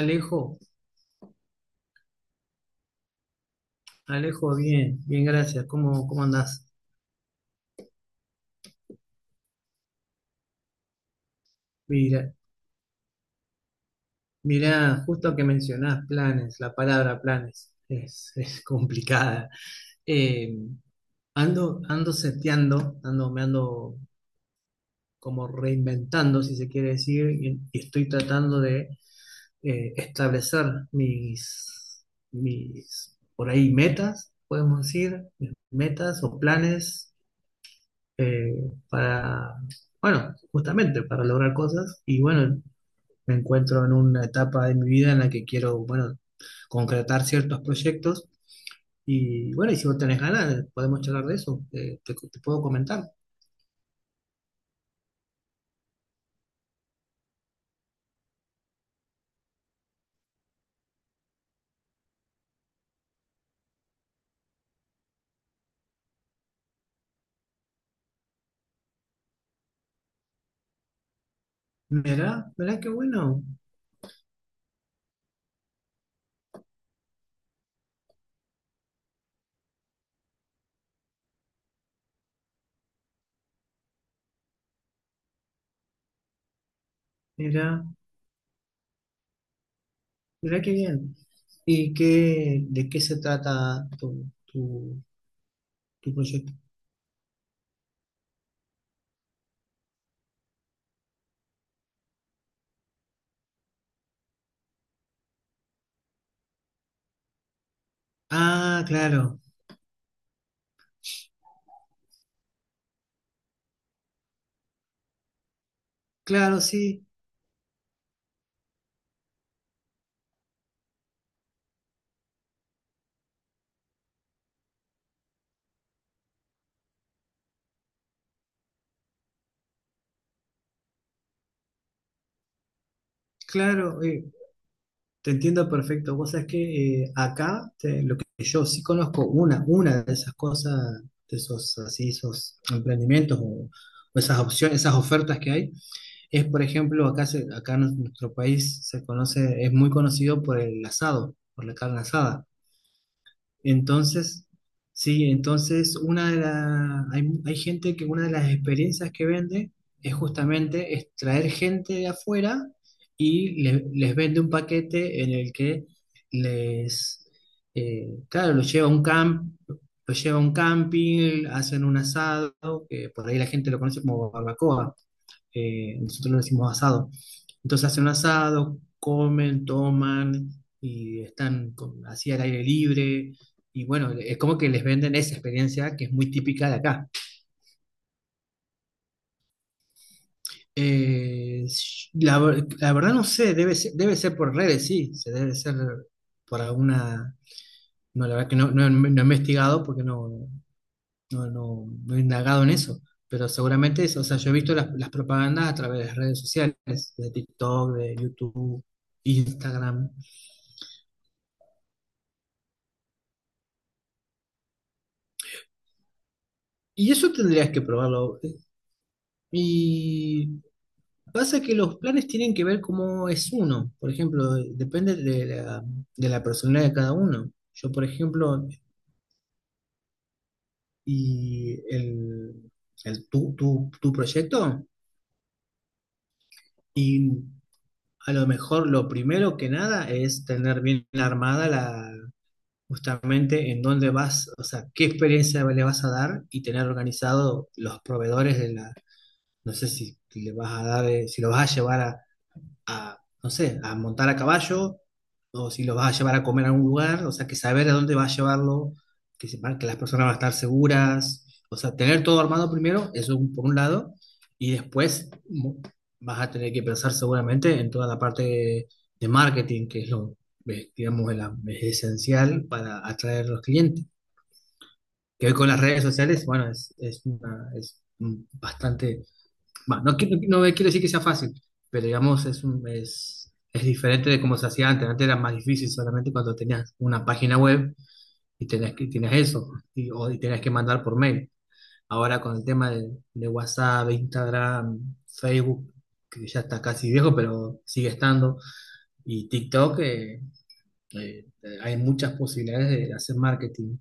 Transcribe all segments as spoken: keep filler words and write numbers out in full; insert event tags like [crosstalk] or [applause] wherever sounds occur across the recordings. Alejo, Alejo, bien, bien, gracias. ¿Cómo, cómo andás? Mira, mira, justo que mencionás planes, la palabra planes es, es [laughs] complicada. Eh, ando, ando seteando, ando, me ando como reinventando, si se quiere decir, y, y estoy tratando de eh, establecer mis, mis, por ahí, metas, podemos decir, metas o planes eh, para, bueno, justamente para lograr cosas. Y bueno, me encuentro en una etapa de mi vida en la que quiero, bueno, concretar ciertos proyectos. Y bueno, y si vos tenés ganas, podemos charlar de eso. eh, te, te puedo comentar. Mirá, mirá qué bueno. Mirá, mirá qué bien. ¿Y qué, de qué se trata tu, tu, tu proyecto? Ah, claro, claro, sí, claro. Eh, Te entiendo perfecto. Vos sabés que eh, acá te- lo que yo sí conozco, una, una de esas cosas, de esos así, esos emprendimientos o, o esas opciones, esas ofertas que hay, es por ejemplo, acá se- acá en nuestro país se conoce, es muy conocido por el asado, por la carne asada. Entonces, sí, entonces una de la, hay, hay gente que una de las experiencias que vende es justamente es traer gente de afuera y le- les vende un paquete en el que les, eh, claro, los lleva a un camp, los lleva a un camping, hacen un asado, que por ahí la gente lo conoce como barbacoa, eh, nosotros lo decimos asado, entonces hacen un asado, comen, toman y están con- así al aire libre. Y bueno, es como que les venden esa experiencia que es muy típica de acá. Eh, la, ver- la verdad no sé, debe ser, debe ser por redes, sí, se debe ser por alguna... No, la verdad que no, no, no he investigado porque no, no, no, no he indagado en eso, pero seguramente es, o sea, yo he visto las, las propagandas a través de las redes sociales, de TikTok, de YouTube, Instagram, y eso tendrías que probarlo. Y pasa que los planes tienen que ver cómo es uno. Por ejemplo, depende de la, de la personalidad de cada uno. Yo, por ejemplo, y el, el tu, tu, tu proyecto, y a lo mejor lo primero que nada es tener bien armada la, justamente en dónde vas, o sea, qué experiencia le vas a dar y tener organizado los proveedores de la, no sé si le vas a dar, eh, si lo vas a llevar a a, no sé, a montar a caballo, o si lo vas a llevar a comer a algún lugar, o sea, que saber a dónde vas a llevarlo, que sepan que las personas van a estar seguras, o sea, tener todo armado primero, eso un- por un lado, y después mo- vas a tener que pensar seguramente en toda la parte de, de marketing, que es lo, eh, digamos, es la- es esencial para atraer a los clientes. Que hoy con las redes sociales, bueno, es, es, una- es mm, bastante. Va, no, qui- no, no quiero decir que sea fácil, pero digamos es, un- es, es diferente de cómo se hacía antes. Antes era más difícil solamente cuando tenías una página web y tenías, que- tenías eso, y, o, y tenías que mandar por mail. Ahora con el tema de, de WhatsApp, Instagram, Facebook, que ya está casi viejo, pero sigue estando, y TikTok, eh, eh, hay muchas posibilidades de hacer marketing.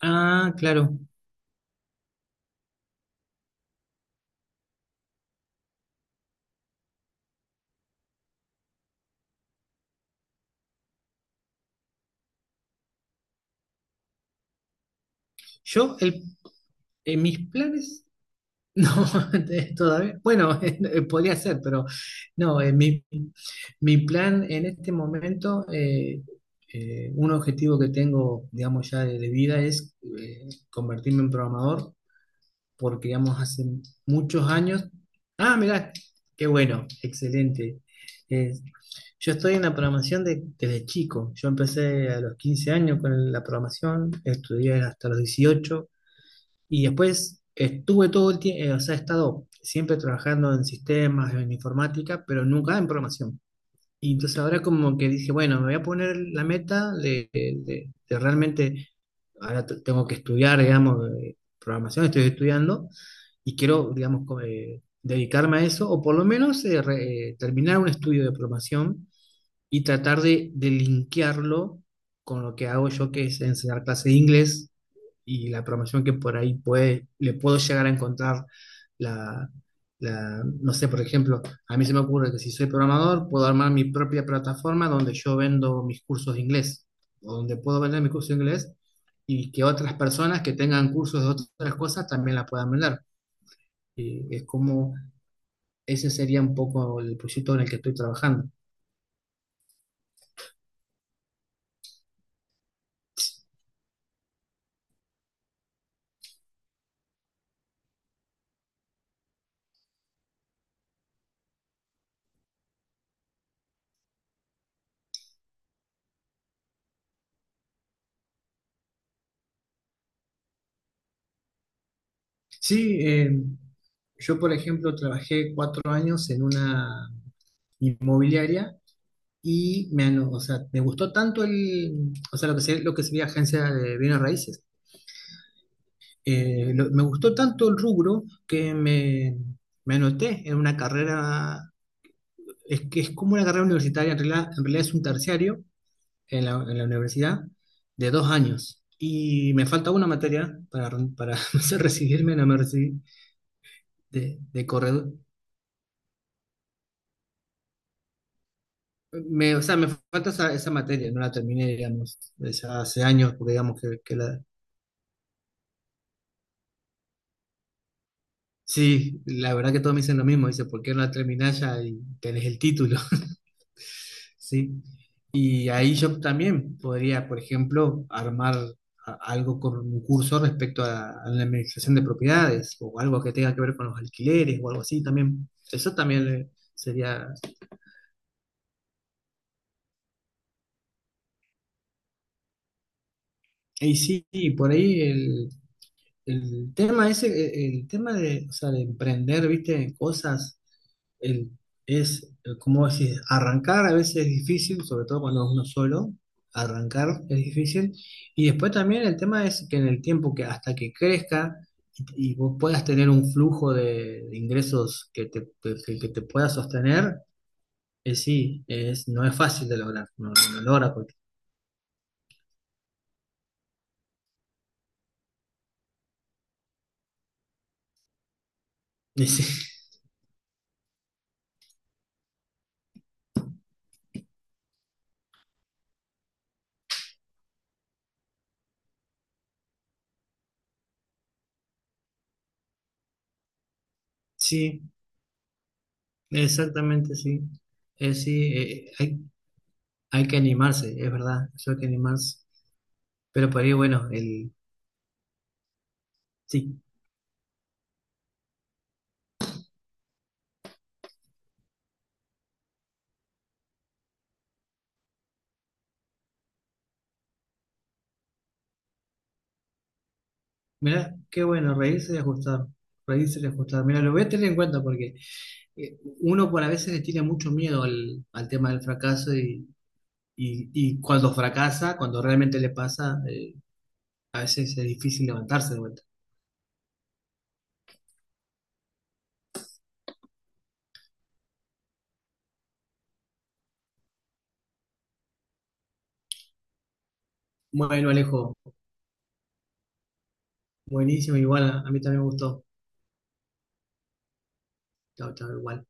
Ah, claro. Yo, el, en mis planes. No, [laughs] de- todavía. Bueno, [laughs] eh, podría ser, pero no, eh, mi, mi plan en este momento, eh, eh, un objetivo que tengo, digamos, ya de, de vida es eh, convertirme en programador, porque, digamos, hace muchos años. Ah, mirá, qué bueno, excelente. Eh, yo estoy en la programación de- desde chico. Yo empecé a los quince años con la programación, estudié hasta los dieciocho y después estuve todo el tiempo, o sea, he estado siempre trabajando en sistemas, en informática, pero nunca en programación. Y entonces ahora como que dije, bueno, me voy a poner la meta de, de- de realmente, ahora t- tengo que estudiar, digamos, eh, programación, estoy estudiando y quiero, digamos, co- eh, dedicarme a eso, o por lo menos eh, re- eh, terminar un estudio de programación y tratar de, de linkearlo con lo que hago yo, que es enseñar clases de inglés y la promoción que por ahí puede, le puedo llegar a encontrar la, la- no sé, por ejemplo, a mí se me ocurre que si soy programador, puedo armar mi propia plataforma donde yo vendo mis cursos de inglés, o donde puedo vender mis cursos de inglés y que otras personas que tengan cursos de otras cosas también la puedan vender. Y es como, ese sería un poco el proyecto en el que estoy trabajando. Sí, eh, yo, por ejemplo, trabajé cuatro años en una inmobiliaria y me, ano- o sea, me gustó tanto el, o sea, lo que sería, lo que sería agencia de bienes raíces. Eh, lo- me gustó tanto el rubro que me, me anoté en una carrera, es que es como una carrera universitaria, en realidad, en realidad es un terciario en la, en la universidad de dos años. Y me falta una materia para, para [laughs] hacer recibirme, no me recibí de, de corredor. Me, o sea, me falta esa, esa materia, no la terminé, digamos, desde hace años, porque digamos que, que la, sí, la verdad que todos me dicen lo mismo. Dice, ¿por qué no la terminás ya y tenés el título? [laughs] Sí. Y ahí yo también podría, por ejemplo, armar a- algo con un curso respecto a, a la administración de propiedades o algo que tenga que ver con los alquileres o algo así también. Eso también le- sería... Y sí, y por ahí el tema ese, eh, el tema de, o sea, de emprender, viste, cosas, el- es, eh, como decís, arrancar a veces es difícil, sobre todo cuando es uno solo, arrancar es difícil. Y después también el tema es que en el tiempo que hasta que crezca y, y vos puedas tener un flujo de, de ingresos que te, que, que te pueda sostener, eh, sí, es, no es fácil de lograr, no, no lo logra porque... [laughs] Sí, exactamente, sí. Eh, sí, eh, hay- Hay que animarse, es verdad, eso hay que animarse. Pero por ahí, bueno, el... Sí, mirá, qué bueno, reírse y ajustar, reírse y ajustar. Mira, lo voy a tener en cuenta porque eh, uno por a veces le tiene mucho miedo al, al tema del fracaso y, y, y cuando fracasa, cuando realmente le pasa, eh, a veces es difícil levantarse de vuelta. Bueno, Alejo, buenísimo, igual a, a mí también me gustó. Chao, chao, igual.